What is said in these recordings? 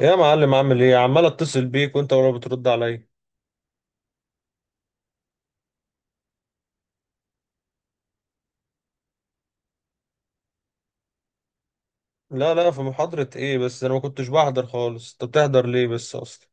يا معلم عامل ايه؟ عمال اتصل بيك وانت ولا بترد عليا. لا لا، في محاضرة ايه؟ بس انا ما كنتش بحضر خالص، انت بتحضر ليه بس اصلا؟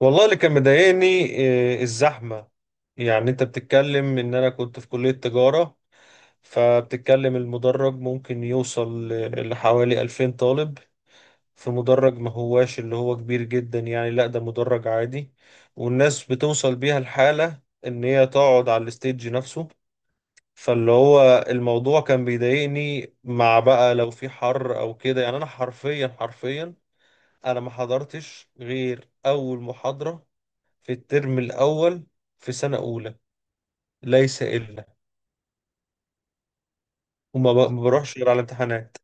والله اللي كان مضايقني إيه؟ الزحمة. يعني انت بتتكلم ان انا كنت في كلية تجارة، فبتتكلم المدرج ممكن يوصل لحوالي 2000 طالب. في مدرج ما هواش اللي هو كبير جدا، يعني لا ده مدرج عادي، والناس بتوصل بيها الحالة ان هي تقعد على الستيج نفسه. فاللي هو الموضوع كان بيضايقني، مع بقى لو في حر او كده، يعني انا حرفيا حرفيا انا ما حضرتش غير اول محاضرة في الترم الاول في سنة اولى ليس الا. وما ب- ما بروحش غير على الامتحانات.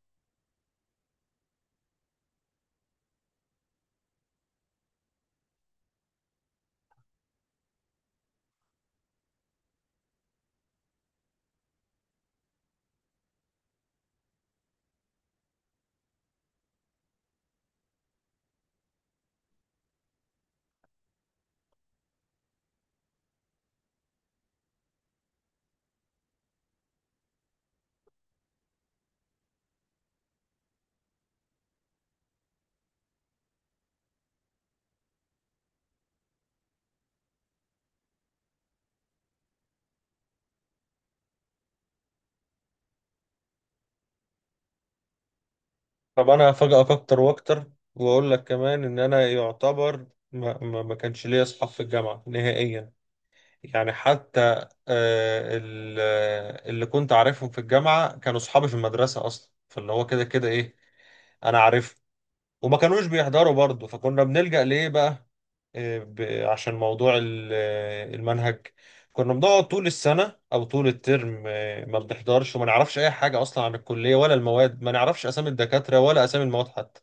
طب انا هفاجئك اكتر واكتر واقول لك كمان ان انا يعتبر ما كانش ليا اصحاب في الجامعة نهائيا. يعني حتى اللي كنت عارفهم في الجامعة كانوا صحابي في المدرسة أصلا، فاللي هو كده كده إيه، أنا عارفهم. وما كانوش بيحضروا برضه، فكنا بنلجأ لإيه بقى؟ عشان موضوع المنهج، كنا بنقعد طول السنة أو طول الترم ما بنحضرش وما نعرفش أي حاجة أصلا عن الكلية ولا المواد، ما نعرفش أسامي الدكاترة ولا أسامي المواد حتى.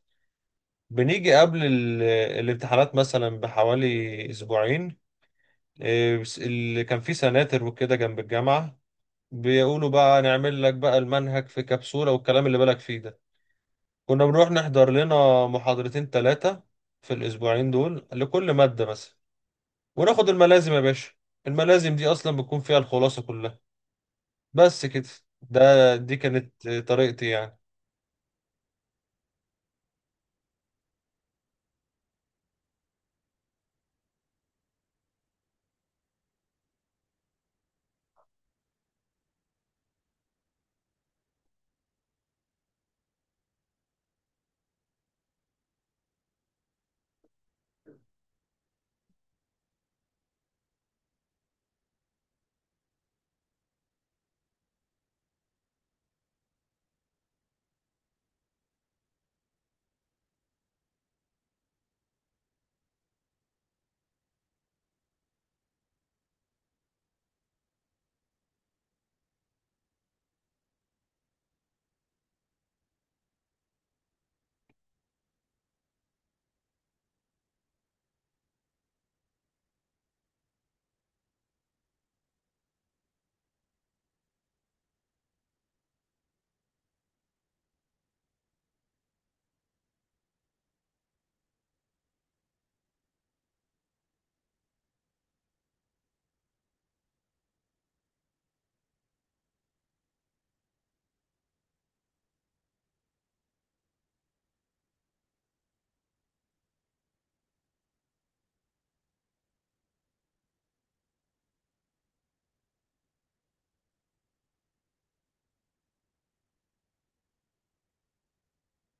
بنيجي قبل الامتحانات مثلا بحوالي أسبوعين، إيه، بس اللي كان فيه سناتر وكده جنب الجامعة، بيقولوا بقى نعمل لك بقى المنهج في كبسولة والكلام اللي بالك فيه ده. كنا بنروح نحضر لنا محاضرتين ثلاثة في الأسبوعين دول لكل مادة مثلا، وناخد الملازم يا باشا. الملازم دي أصلا بتكون فيها الخلاصة كلها، بس كده. دي كانت طريقتي يعني.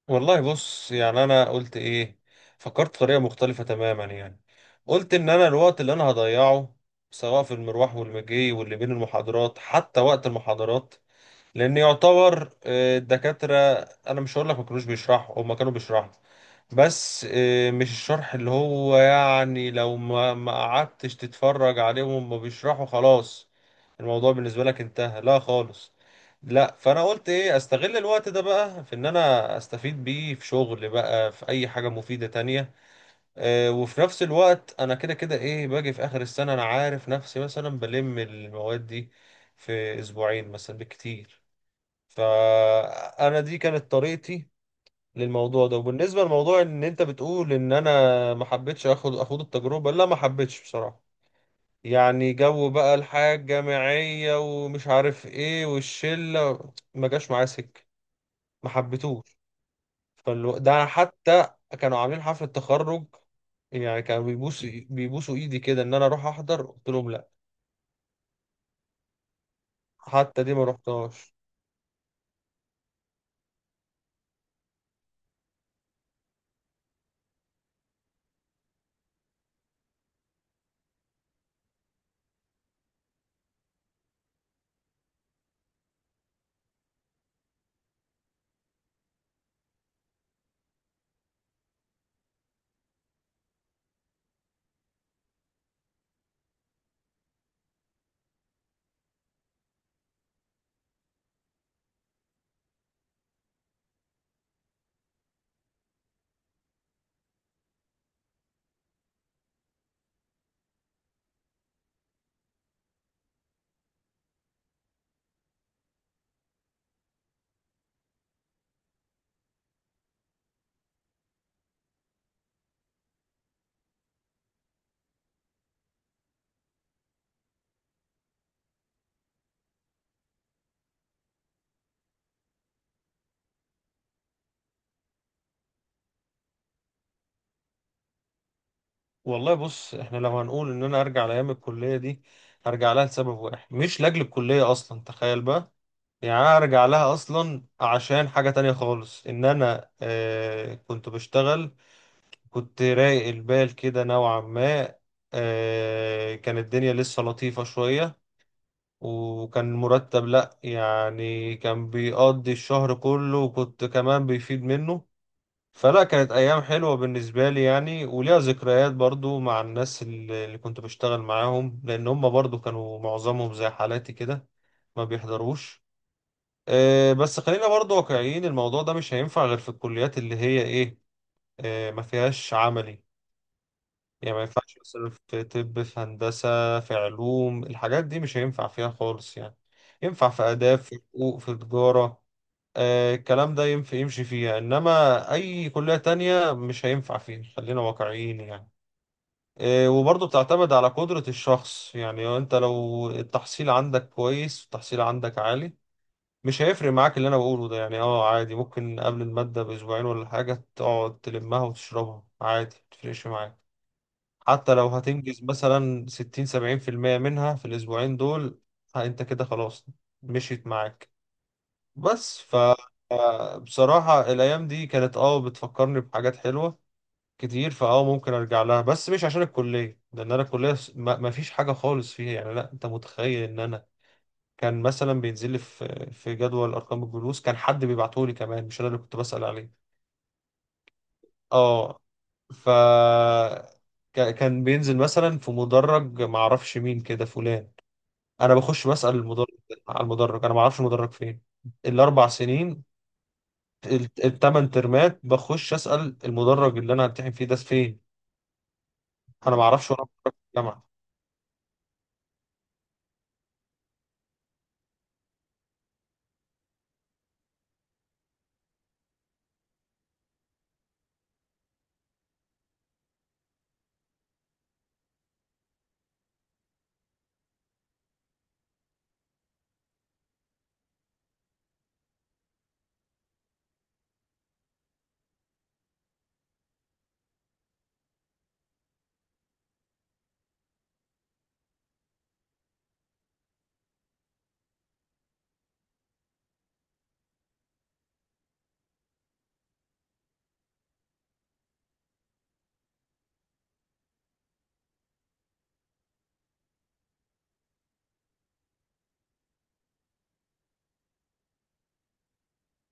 والله بص، يعني انا قلت ايه؟ فكرت بطريقه مختلفه تماما يعني. قلت ان انا الوقت اللي انا هضيعه سواء في المروح والمجي واللي بين المحاضرات حتى وقت المحاضرات، لان يعتبر الدكاتره، انا مش هقول لك ما كانوش بيشرحوا، هم كانوا بيشرحوا، بس مش الشرح اللي هو يعني لو ما قعدتش تتفرج عليهم وما بيشرحوا خلاص الموضوع بالنسبة لك انتهى، لا خالص. لا، فانا قلت ايه؟ استغل الوقت ده بقى في ان انا استفيد بيه في شغل بقى، في اي حاجة مفيدة تانية. وفي نفس الوقت انا كده كده ايه، باجي في اخر السنة انا عارف نفسي مثلا بلم المواد دي في اسبوعين مثلا بالكتير. فانا دي كانت طريقتي للموضوع ده. وبالنسبة لموضوع ان انت بتقول ان انا ما حبيتش اخد التجربة، لا ما حبيتش بصراحة. يعني جو بقى الحياة الجامعية ومش عارف ايه، والشلة ما جاش معايا سكة، ما حبيتوش. ده حتى كانوا عاملين حفلة تخرج، يعني كانوا بيبوسوا ايدي كده ان انا اروح احضر، قلت لهم لا. حتى دي ما رحتهاش. والله بص، احنا لو هنقول ان انا ارجع لايام الكلية دي، هرجع لها لسبب واحد مش لاجل الكلية اصلا، تخيل بقى. يعني انا ارجع لها اصلا عشان حاجة تانية خالص، ان انا آه كنت بشتغل، كنت رايق البال كده نوعا ما، آه كان الدنيا لسه لطيفة شوية، وكان مرتب لا يعني كان بيقضي الشهر كله وكنت كمان بيفيد منه. فلا كانت ايام حلوة بالنسبة لي يعني، وليها ذكريات برضو مع الناس اللي كنت بشتغل معاهم، لان هم برضو كانوا معظمهم زي حالاتي كده، ما بيحضروش. بس خلينا برضو واقعيين، الموضوع ده مش هينفع غير في الكليات اللي هي ايه، ما فيهاش عملي. يعني ما ينفعش مثلا في طب، في هندسة، في علوم، الحاجات دي مش هينفع فيها خالص يعني. ينفع في آداب، في حقوق، في تجارة، الكلام ده ينفع يمشي فيها، انما اي كلية تانية مش هينفع فيها، خلينا واقعيين يعني. وبرضه بتعتمد على قدرة الشخص. يعني انت لو التحصيل عندك كويس والتحصيل عندك عالي، مش هيفرق معاك اللي انا بقوله ده، يعني اه عادي، ممكن قبل المادة باسبوعين ولا حاجة تقعد تلمها وتشربها عادي، متفرقش معاك. حتى لو هتنجز مثلا 60 أو 70% منها في الاسبوعين دول، ها انت كده خلاص، مشيت معاك. بس ف بصراحة الأيام دي كانت اه بتفكرني بحاجات حلوة كتير، فاه ممكن أرجع لها، بس مش عشان الكلية، لأن أنا الكلية ما فيش حاجة خالص فيها يعني. لا أنت متخيل إن أنا كان مثلا بينزل لي في جدول ارقام الجلوس كان حد بيبعته لي كمان، مش انا اللي كنت بسأل عليه. اه، ف كان بينزل مثلا في مدرج، ما اعرفش مين كده فلان، انا بخش بسأل المدرج على المدرج، انا ما اعرفش المدرج فين. الاربع سنين، التمن ترمات بخش أسأل المدرج اللي انا همتحن فيه ده فين. انا ما اعرفش وانا بتخرج في الجامعة.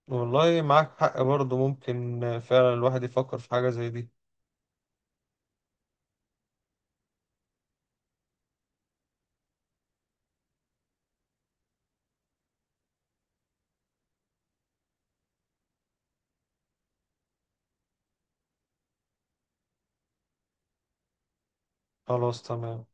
والله معاك حق برضه، ممكن فعلا الواحد يفكر في حاجة زي دي. خلاص تمام.